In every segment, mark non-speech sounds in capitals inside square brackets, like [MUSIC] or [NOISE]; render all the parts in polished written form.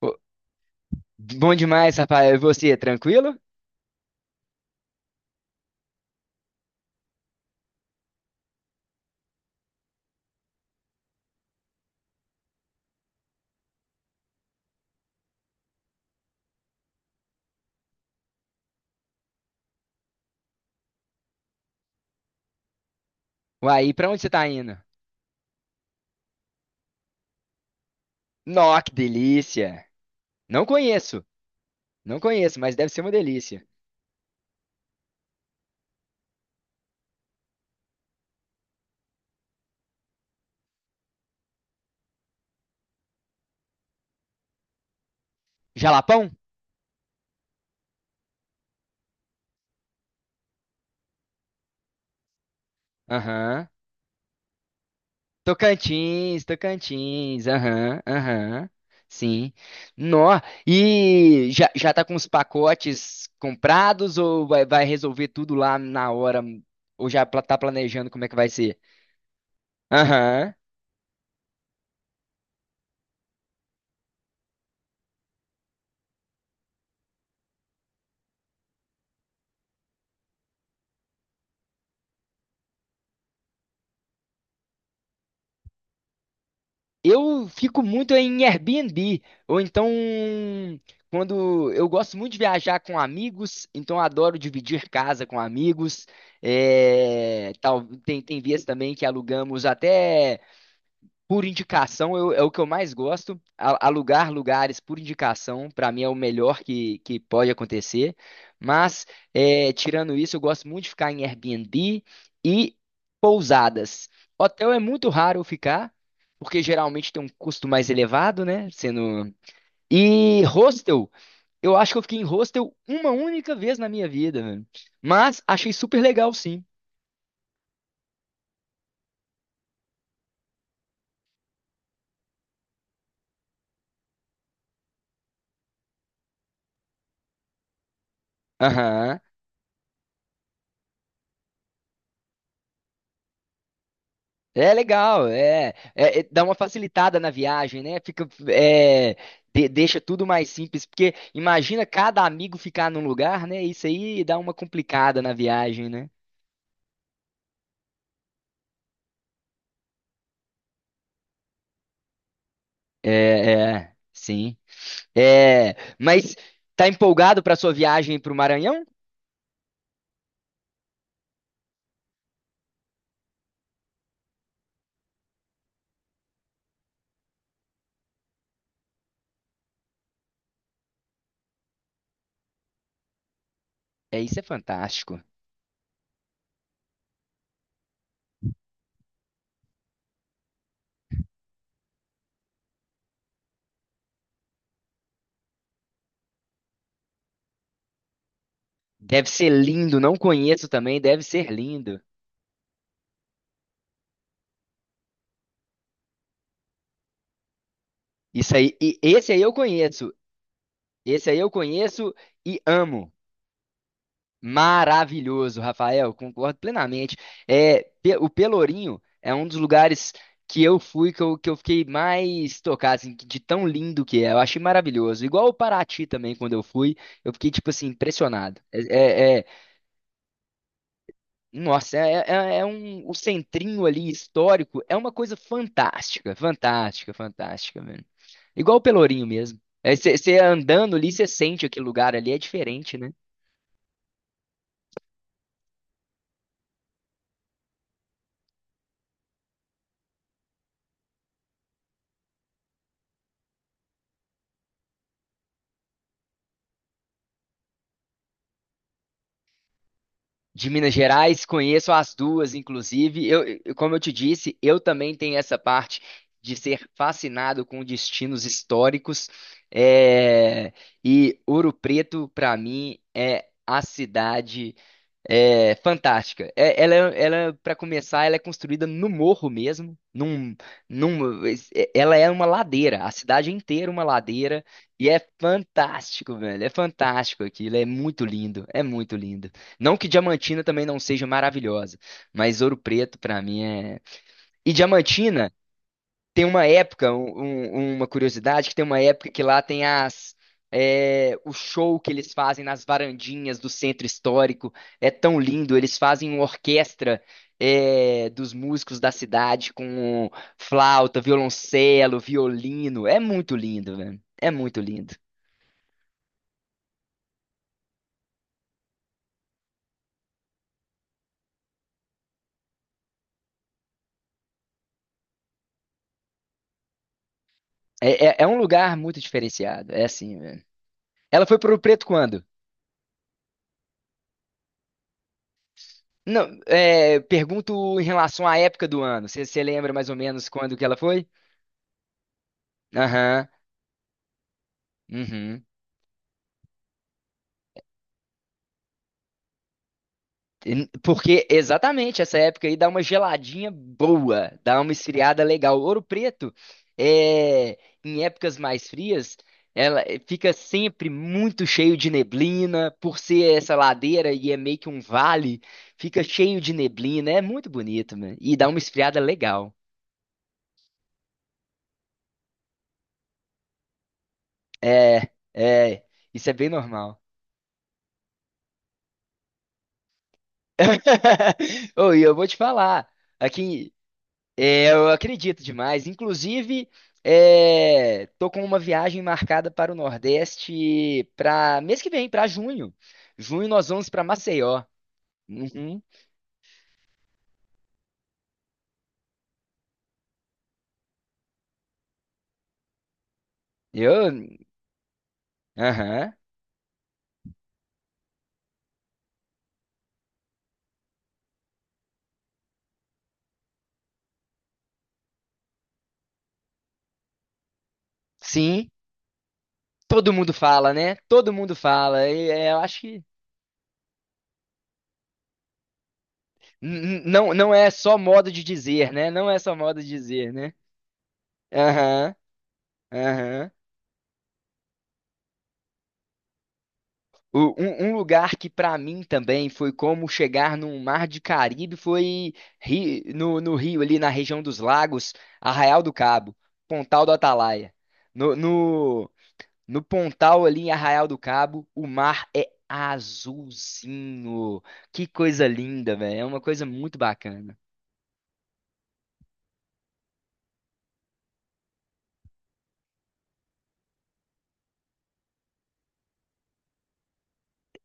Pô, bom demais, Rafael. E você, tranquilo? Uai, e pra onde você tá indo? Nó, que delícia! Não conheço, não conheço, mas deve ser uma delícia. Jalapão? Aham. Tocantins, Tocantins, aham, aham. Sim. Nó, e já, já tá com os pacotes comprados ou vai, vai resolver tudo lá na hora? Ou tá planejando como é que vai ser? Aham. Eu fico muito em Airbnb, ou então quando eu gosto muito de viajar com amigos, então eu adoro dividir casa com amigos. É, tal, tem vezes também que alugamos até por indicação é o que eu mais gosto. Alugar lugares por indicação, para mim, é o melhor que pode acontecer. Mas, é, tirando isso, eu gosto muito de ficar em Airbnb e pousadas. Hotel é muito raro eu ficar, porque geralmente tem um custo mais elevado, né? Sendo... E hostel, eu acho que eu fiquei em hostel uma única vez na minha vida, mano. Mas achei super legal, sim. Aham. É legal, é, dá uma facilitada na viagem, né? Fica, é, deixa tudo mais simples, porque imagina cada amigo ficar num lugar, né? Isso aí dá uma complicada na viagem, né? É, é, sim. É, mas tá empolgado para sua viagem para o Maranhão? É, isso é fantástico. Deve ser lindo, não conheço também, deve ser lindo. Isso aí, e esse aí eu conheço, esse aí eu conheço e amo. Maravilhoso, Rafael, concordo plenamente. É, o Pelourinho é um dos lugares que eu fui que eu fiquei mais tocado, assim, de tão lindo que é. Eu achei maravilhoso. Igual o Paraty também, quando eu fui, eu fiquei, tipo assim, impressionado. É, é- é- nossa, é, é um, o centrinho ali histórico é uma coisa fantástica, fantástica, fantástica, velho. Igual o Pelourinho mesmo. Você andando ali, você sente aquele lugar ali, é diferente, né? De Minas Gerais, conheço as duas, inclusive. Eu, como eu te disse, eu também tenho essa parte de ser fascinado com destinos históricos. É, e Ouro Preto, para mim, é a cidade. É fantástica. Ela, é, ela para começar, ela é construída no morro mesmo, num, ela é uma ladeira, a cidade inteira uma ladeira e é fantástico, velho. É fantástico aquilo, é muito lindo, é muito lindo. Não que Diamantina também não seja maravilhosa, mas Ouro Preto pra mim é. E Diamantina tem uma época, uma curiosidade, que tem uma época que lá tem as é, o show que eles fazem nas varandinhas do centro histórico. É tão lindo, eles fazem uma orquestra é, dos músicos da cidade com flauta, violoncelo, violino. É muito lindo, velho. É muito lindo. É, é um lugar muito diferenciado. É assim, velho. Ela foi pro Preto quando? Não, é, pergunto em relação à época do ano. Você lembra mais ou menos quando que ela foi? Aham. Uhum. Porque exatamente essa época aí dá uma geladinha boa, dá uma esfriada legal. Ouro Preto, é, em épocas mais frias, ela fica sempre muito cheio de neblina, por ser essa ladeira e é meio que um vale, fica cheio de neblina, é muito bonito, mano. E dá uma esfriada legal. É, é, isso é bem normal. [LAUGHS] Ô, e eu vou te falar, aqui é, eu acredito demais. Inclusive, é, tô com uma viagem marcada para o Nordeste para mês que vem, para junho. Junho nós vamos para Maceió. Uhum. Eu, aham. Sim, todo mundo fala, né? Todo mundo fala. E, é, eu acho que não não é só modo de dizer, né? Não é só modo de dizer, né? Aham, aham. Um, um lugar que pra mim também foi como chegar num mar de Caribe foi no, no Rio, ali na região dos Lagos, Arraial do Cabo, Pontal do Atalaia. No, no, no Pontal ali em Arraial do Cabo, o mar é azulzinho. Que coisa linda, velho. É uma coisa muito bacana.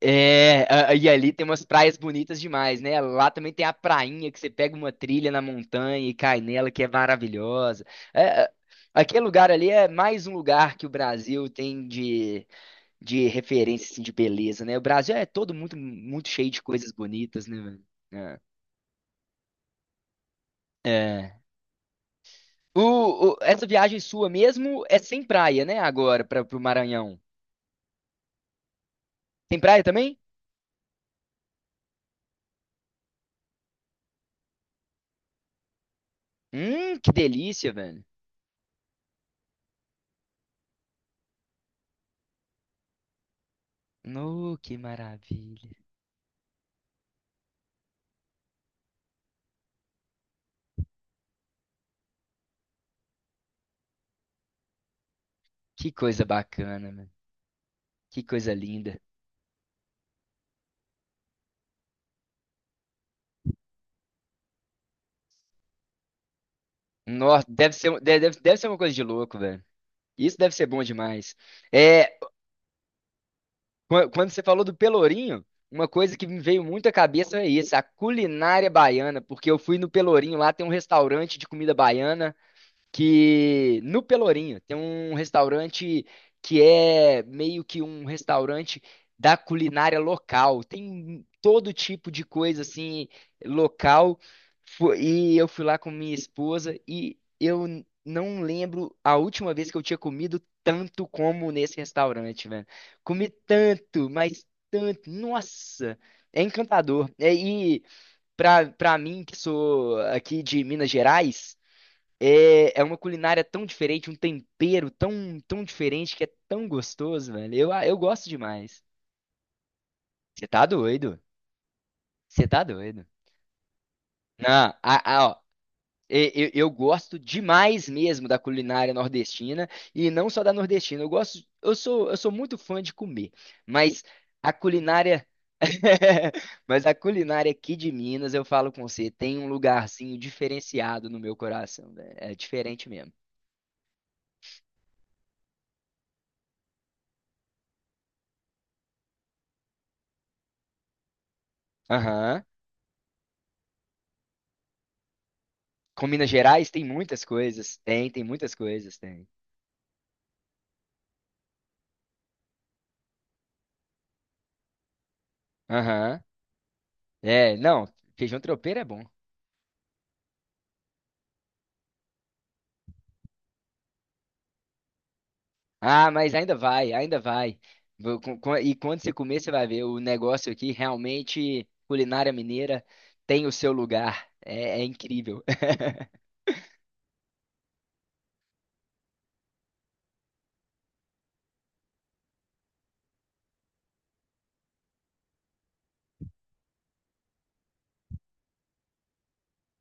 É, e ali tem umas praias bonitas demais, né? Lá também tem a prainha que você pega uma trilha na montanha e cai nela, que é maravilhosa. É, é, aquele lugar ali é mais um lugar que o Brasil tem de referência, assim, de beleza, né? O Brasil é todo muito, muito cheio de coisas bonitas, né, velho? É. É. O, essa viagem sua mesmo é sem praia, né? Agora, para pro Maranhão. Tem praia também? Que delícia, velho. No, que maravilha. Que coisa bacana, velho. Que coisa linda. Nossa, deve ser, deve, deve ser uma coisa de louco, velho. Isso deve ser bom demais. É, quando você falou do Pelourinho, uma coisa que me veio muito à cabeça é isso, a culinária baiana, porque eu fui no Pelourinho, lá tem um restaurante de comida baiana. Que no Pelourinho tem um restaurante que é meio que um restaurante da culinária local. Tem todo tipo de coisa assim local. E eu fui lá com minha esposa e eu não lembro a última vez que eu tinha comido tanto como nesse restaurante, velho. Comi tanto, mas tanto. Nossa, é encantador. É, e para para mim que sou aqui de Minas Gerais, é, é uma culinária tão diferente, um tempero tão, tão diferente que é tão gostoso, velho. Eu, ah, eu gosto demais. Você tá doido? Você tá doido? Não, a- ó, eu gosto demais mesmo da culinária nordestina e não só da nordestina. Eu gosto, eu sou muito fã de comer, mas a culinária, [LAUGHS] mas a culinária aqui de Minas, eu falo com você, tem um lugarzinho diferenciado no meu coração, velho. É diferente mesmo. Aham. Com Minas Gerais tem muitas coisas. Tem, tem muitas coisas, tem. Aham. É, não, feijão tropeiro é bom. Ah, mas ainda vai, ainda vai. E quando você comer, você vai ver. O negócio aqui, realmente, culinária mineira tem o seu lugar. É, é incrível. [LAUGHS]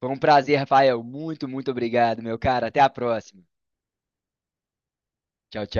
Foi um prazer, Rafael. Muito, muito obrigado, meu cara. Até a próxima. Tchau, tchau.